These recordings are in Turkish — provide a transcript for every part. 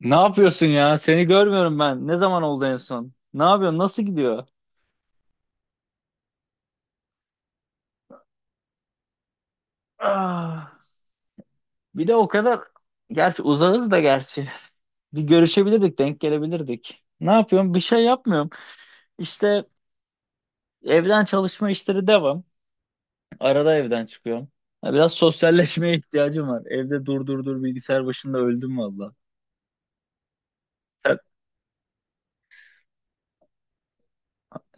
Ne yapıyorsun ya? Seni görmüyorum ben. Ne zaman oldu en son? Ne yapıyorsun? Nasıl gidiyor? Ah, bir de o kadar gerçi uzağız da gerçi. Bir görüşebilirdik, denk gelebilirdik. Ne yapıyorum? Bir şey yapmıyorum. İşte evden çalışma işleri devam. Arada evden çıkıyorum. Ya Biraz sosyalleşmeye ihtiyacım var. Evde dur dur dur bilgisayar başında öldüm valla. Sen-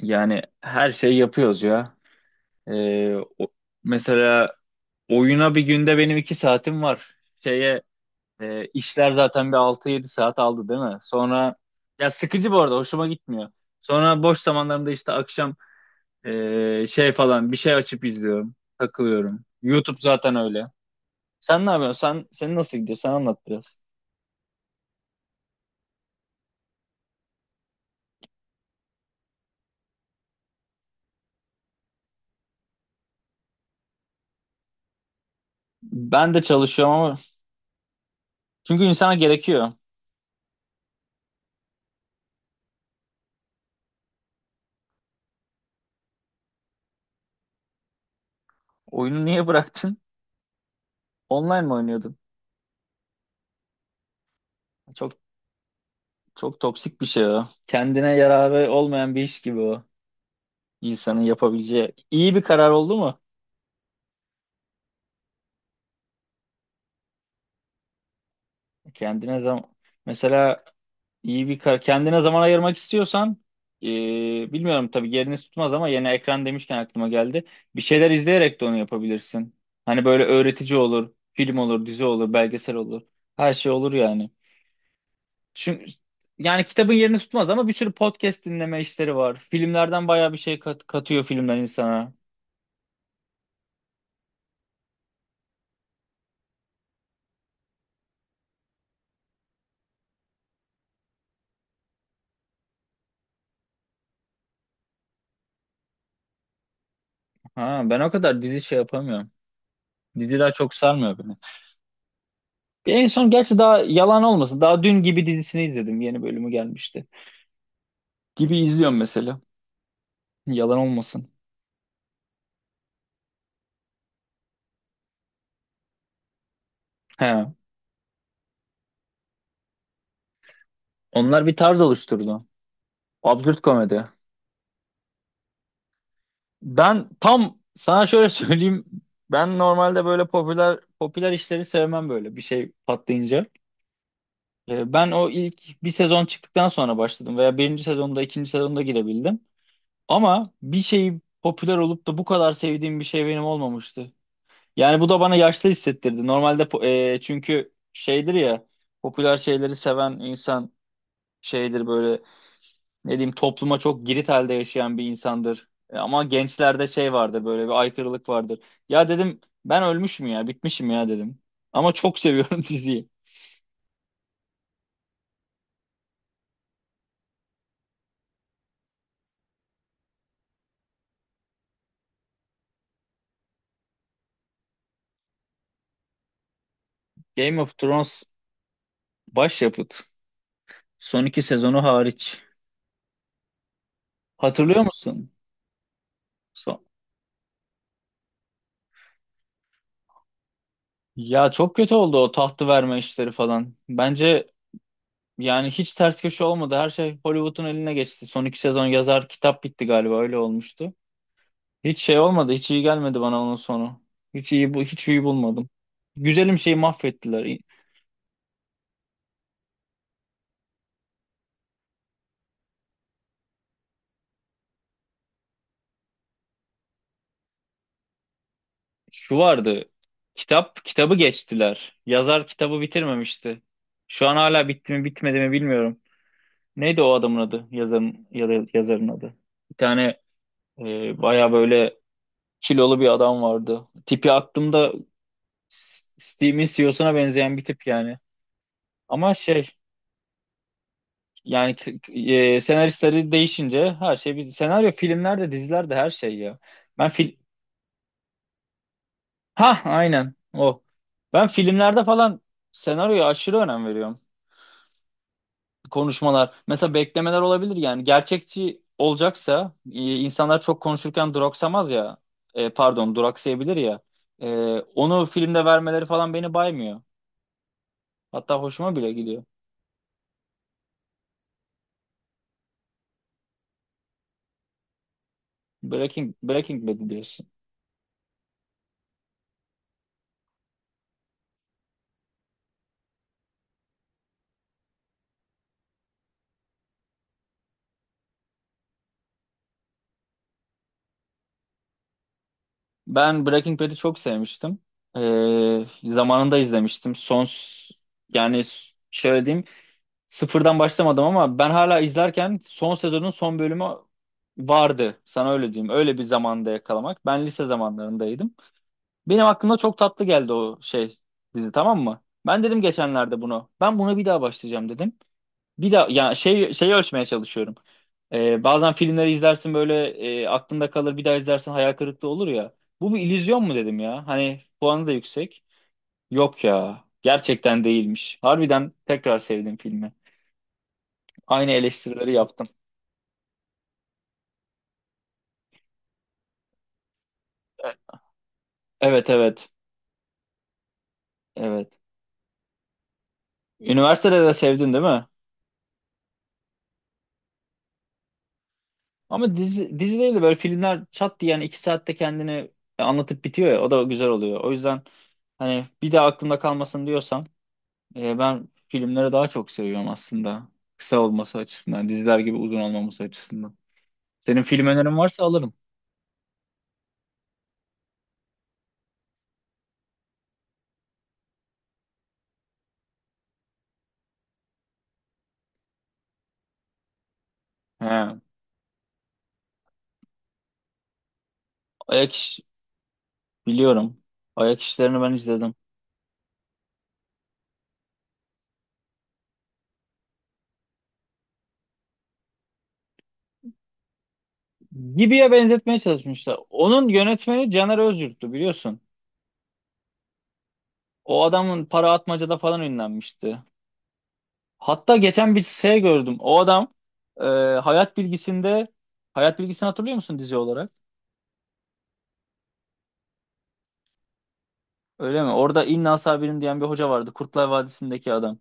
Yani her şeyi yapıyoruz ya. Ee, o- mesela oyuna bir günde benim 2 saatim var. Şeye işler zaten bir 6-7 saat aldı değil mi? Sonra ya sıkıcı bu arada hoşuma gitmiyor. Sonra boş zamanlarımda işte akşam şey falan bir şey açıp izliyorum. Takılıyorum. YouTube zaten öyle. Sen ne yapıyorsun? Senin nasıl gidiyor? Sen anlat biraz. Ben de çalışıyorum ama çünkü insana gerekiyor. Oyunu niye bıraktın? Online mi oynuyordun? Çok çok toksik bir şey o. Kendine yararı olmayan bir iş gibi o. İnsanın yapabileceği. İyi bir karar oldu mu? Kendine zaman. Mesela İyi bir kar. Kendine zaman ayırmak istiyorsan e, bilmiyorum tabii yerini tutmaz ama yeni ekran demişken aklıma geldi. Bir şeyler izleyerek de onu yapabilirsin. Hani böyle öğretici olur, film olur, dizi olur, belgesel olur. Her şey olur yani. Çünkü yani kitabın yerini tutmaz ama bir sürü podcast dinleme işleri var. Filmlerden bayağı bir şey katıyor filmler insana. Ha, ben o kadar dizi şey yapamıyorum. Diziler çok sarmıyor beni. Bir en son gerçi daha yalan olmasın. Daha dün gibi dizisini izledim. Yeni bölümü gelmişti. Gibi izliyorum mesela. Yalan olmasın. He. Onlar bir tarz oluşturdu. Absürt komedi. Ben tam sana şöyle söyleyeyim. Ben normalde böyle popüler popüler işleri sevmem böyle bir şey patlayınca. Ben o ilk bir sezon çıktıktan sonra başladım veya birinci sezonda ikinci sezonda girebildim. Ama bir şeyi popüler olup da bu kadar sevdiğim bir şey benim olmamıştı. Yani bu da bana yaşlı hissettirdi. Çünkü şeydir ya popüler şeyleri seven insan şeydir böyle ne diyeyim topluma çok girit halde yaşayan bir insandır. Ama gençlerde şey vardır böyle bir aykırılık vardır. Ya dedim ben ölmüşüm ya bitmişim ya dedim. Ama çok seviyorum diziyi. Game of Thrones başyapıt. Son iki sezonu hariç. Hatırlıyor musun? Son. Ya çok kötü oldu o tahtı verme işleri falan. Bence yani hiç ters köşe olmadı. Her şey Hollywood'un eline geçti. Son iki sezon yazar kitap bitti galiba öyle olmuştu. Hiç şey olmadı. Hiç iyi gelmedi bana onun sonu. Hiç iyi bu hiç iyi bulmadım. Güzelim şeyi mahvettiler. Şu vardı. Kitap kitabı geçtiler. Yazar kitabı bitirmemişti. Şu an hala bitti mi bitmedi mi bilmiyorum. Neydi o adamın adı? Yazarın ya da yazarın adı. Bir tane baya böyle kilolu bir adam vardı. Tipi attığımda Steam'in CEO'suna benzeyen bir tip yani. Ama şey. Yani senaristleri değişince her şey bir senaryo filmlerde dizilerde her şey ya. Ben fil Ha, aynen o. Ben filmlerde falan senaryoya aşırı önem veriyorum. Konuşmalar mesela beklemeler olabilir yani gerçekçi olacaksa insanlar çok konuşurken duraksamaz ya. Pardon duraksayabilir ya. E, Onu filmde vermeleri falan beni baymıyor. Hatta hoşuma bile gidiyor. Breaking Bad diyorsun. Ben Breaking Bad'i çok sevmiştim. Zamanında izlemiştim. Son yani şöyle diyeyim sıfırdan başlamadım ama ben hala izlerken son sezonun son bölümü vardı. Sana öyle diyeyim. Öyle bir zamanda yakalamak. Ben lise zamanlarındaydım. Benim aklımda çok tatlı geldi o şey dizi tamam mı? Ben dedim geçenlerde bunu. Ben buna bir daha başlayacağım dedim. Bir de ya şey şeyi ölçmeye çalışıyorum. Bazen filmleri izlersin böyle aklında kalır bir daha izlersin hayal kırıklığı olur ya. Bu bir illüzyon mu dedim ya? Hani puanı da yüksek. Yok ya. Gerçekten değilmiş. Harbiden tekrar sevdim filmi. Aynı eleştirileri yaptım. E- Evet, evet. Evet. Üniversitede de sevdin değil mi? Ama dizi, dizi değil de böyle filmler çat diye yani 2 saatte kendini anlatıp bitiyor ya o da güzel oluyor. O yüzden hani bir daha aklımda kalmasın diyorsan ben filmleri daha çok seviyorum aslında. Kısa olması açısından, diziler gibi uzun olmaması açısından. Senin film önerin varsa alırım. He, ayak iş biliyorum. Ayak işlerini ben izledim. Gibi'ye benzetmeye çalışmışlar. Onun yönetmeni Caner Özyurt'tu biliyorsun. O adamın Para Atmaca'da falan ünlenmişti. Hatta geçen bir şey gördüm. O adam e, Hayat Bilgisi'nde Hayat Bilgisi'ni hatırlıyor musun dizi olarak? Öyle mi? Orada İnna Sabirin diyen bir hoca vardı. Kurtlar Vadisi'ndeki adam.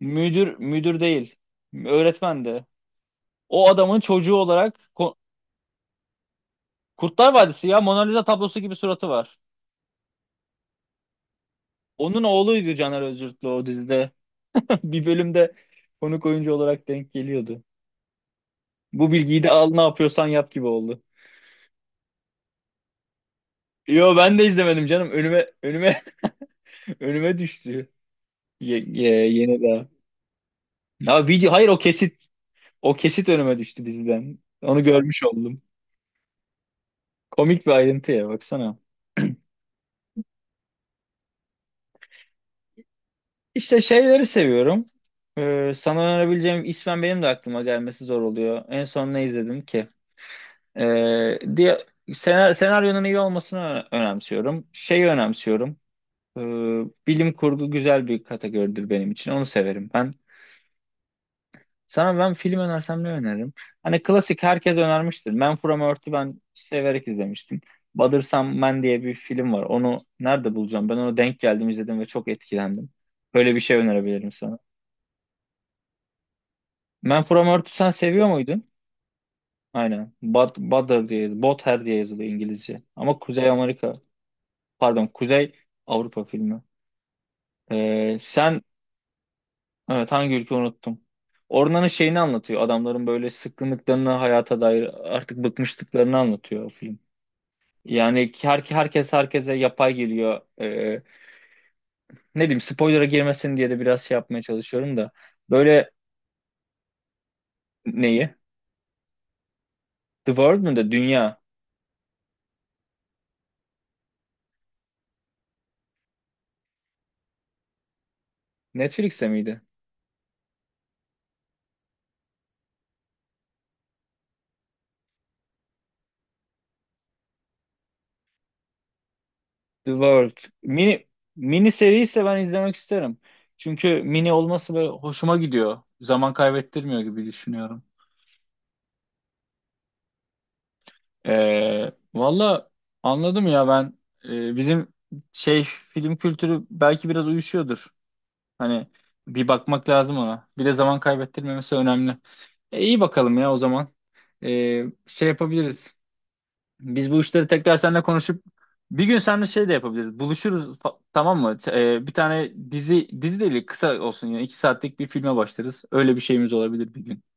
Müdür müdür değil. Öğretmendi. O adamın çocuğu olarak Kurtlar Vadisi ya Mona Lisa tablosu gibi suratı var. Onun oğluydu Caner Özürtlü o dizide. Bir bölümde konuk oyuncu olarak denk geliyordu. Bu bilgiyi de al ne yapıyorsan yap gibi oldu. Yo ben de izlemedim canım. Önüme önüme önüme düştü. Yeni daha. Ya video hayır o kesit önüme düştü diziden. Onu görmüş oldum. Komik bir ayrıntı ya baksana. İşte şeyleri seviyorum. Sana önerebileceğim ismen benim de aklıma gelmesi zor oluyor. En son ne izledim ki? Diye senaryonun iyi olmasını önemsiyorum. Şeyi önemsiyorum. Ee, Bilim kurgu güzel bir kategoridir benim için. Onu severim ben. Sana ben film önersem ne öneririm? Hani klasik herkes önermiştir. Man From Earth'ü ben severek izlemiştim. Mother Some Man diye bir film var. Onu nerede bulacağım? Ben onu denk geldim izledim ve çok etkilendim. Böyle bir şey önerebilirim. Man From Earth'ü sen seviyor muydun? Aynen. Bad, Butter diye yazılıyor İngilizce. Ama Kuzey Amerika, pardon Kuzey Avrupa filmi. Ee, sen, evet, hangi ülke unuttum. Ormanın şeyini anlatıyor. Adamların böyle sıkkınlıklarını hayata dair artık bıkmışlıklarını anlatıyor o film. Yani herkes herkese yapay geliyor. Ne diyeyim spoiler'a girmesin diye de biraz şey yapmaya çalışıyorum da. Böyle neyi? The World mu da Dünya? Netflix'te miydi? The World. Mini mini seri ise ben izlemek isterim. Çünkü mini olması böyle hoşuma gidiyor. Zaman kaybettirmiyor gibi düşünüyorum. Valla anladım ya ben. Bizim şey film kültürü belki biraz uyuşuyordur. Hani bir bakmak lazım ona. Bir de zaman kaybettirmemesi önemli. İyi bakalım ya o zaman. Şey yapabiliriz. Biz bu işleri tekrar seninle konuşup bir gün seninle şey de yapabiliriz. Buluşuruz tamam mı? Bir tane dizi dizi değil kısa olsun yani 2 saatlik bir filme başlarız. Öyle bir şeyimiz olabilir bir gün.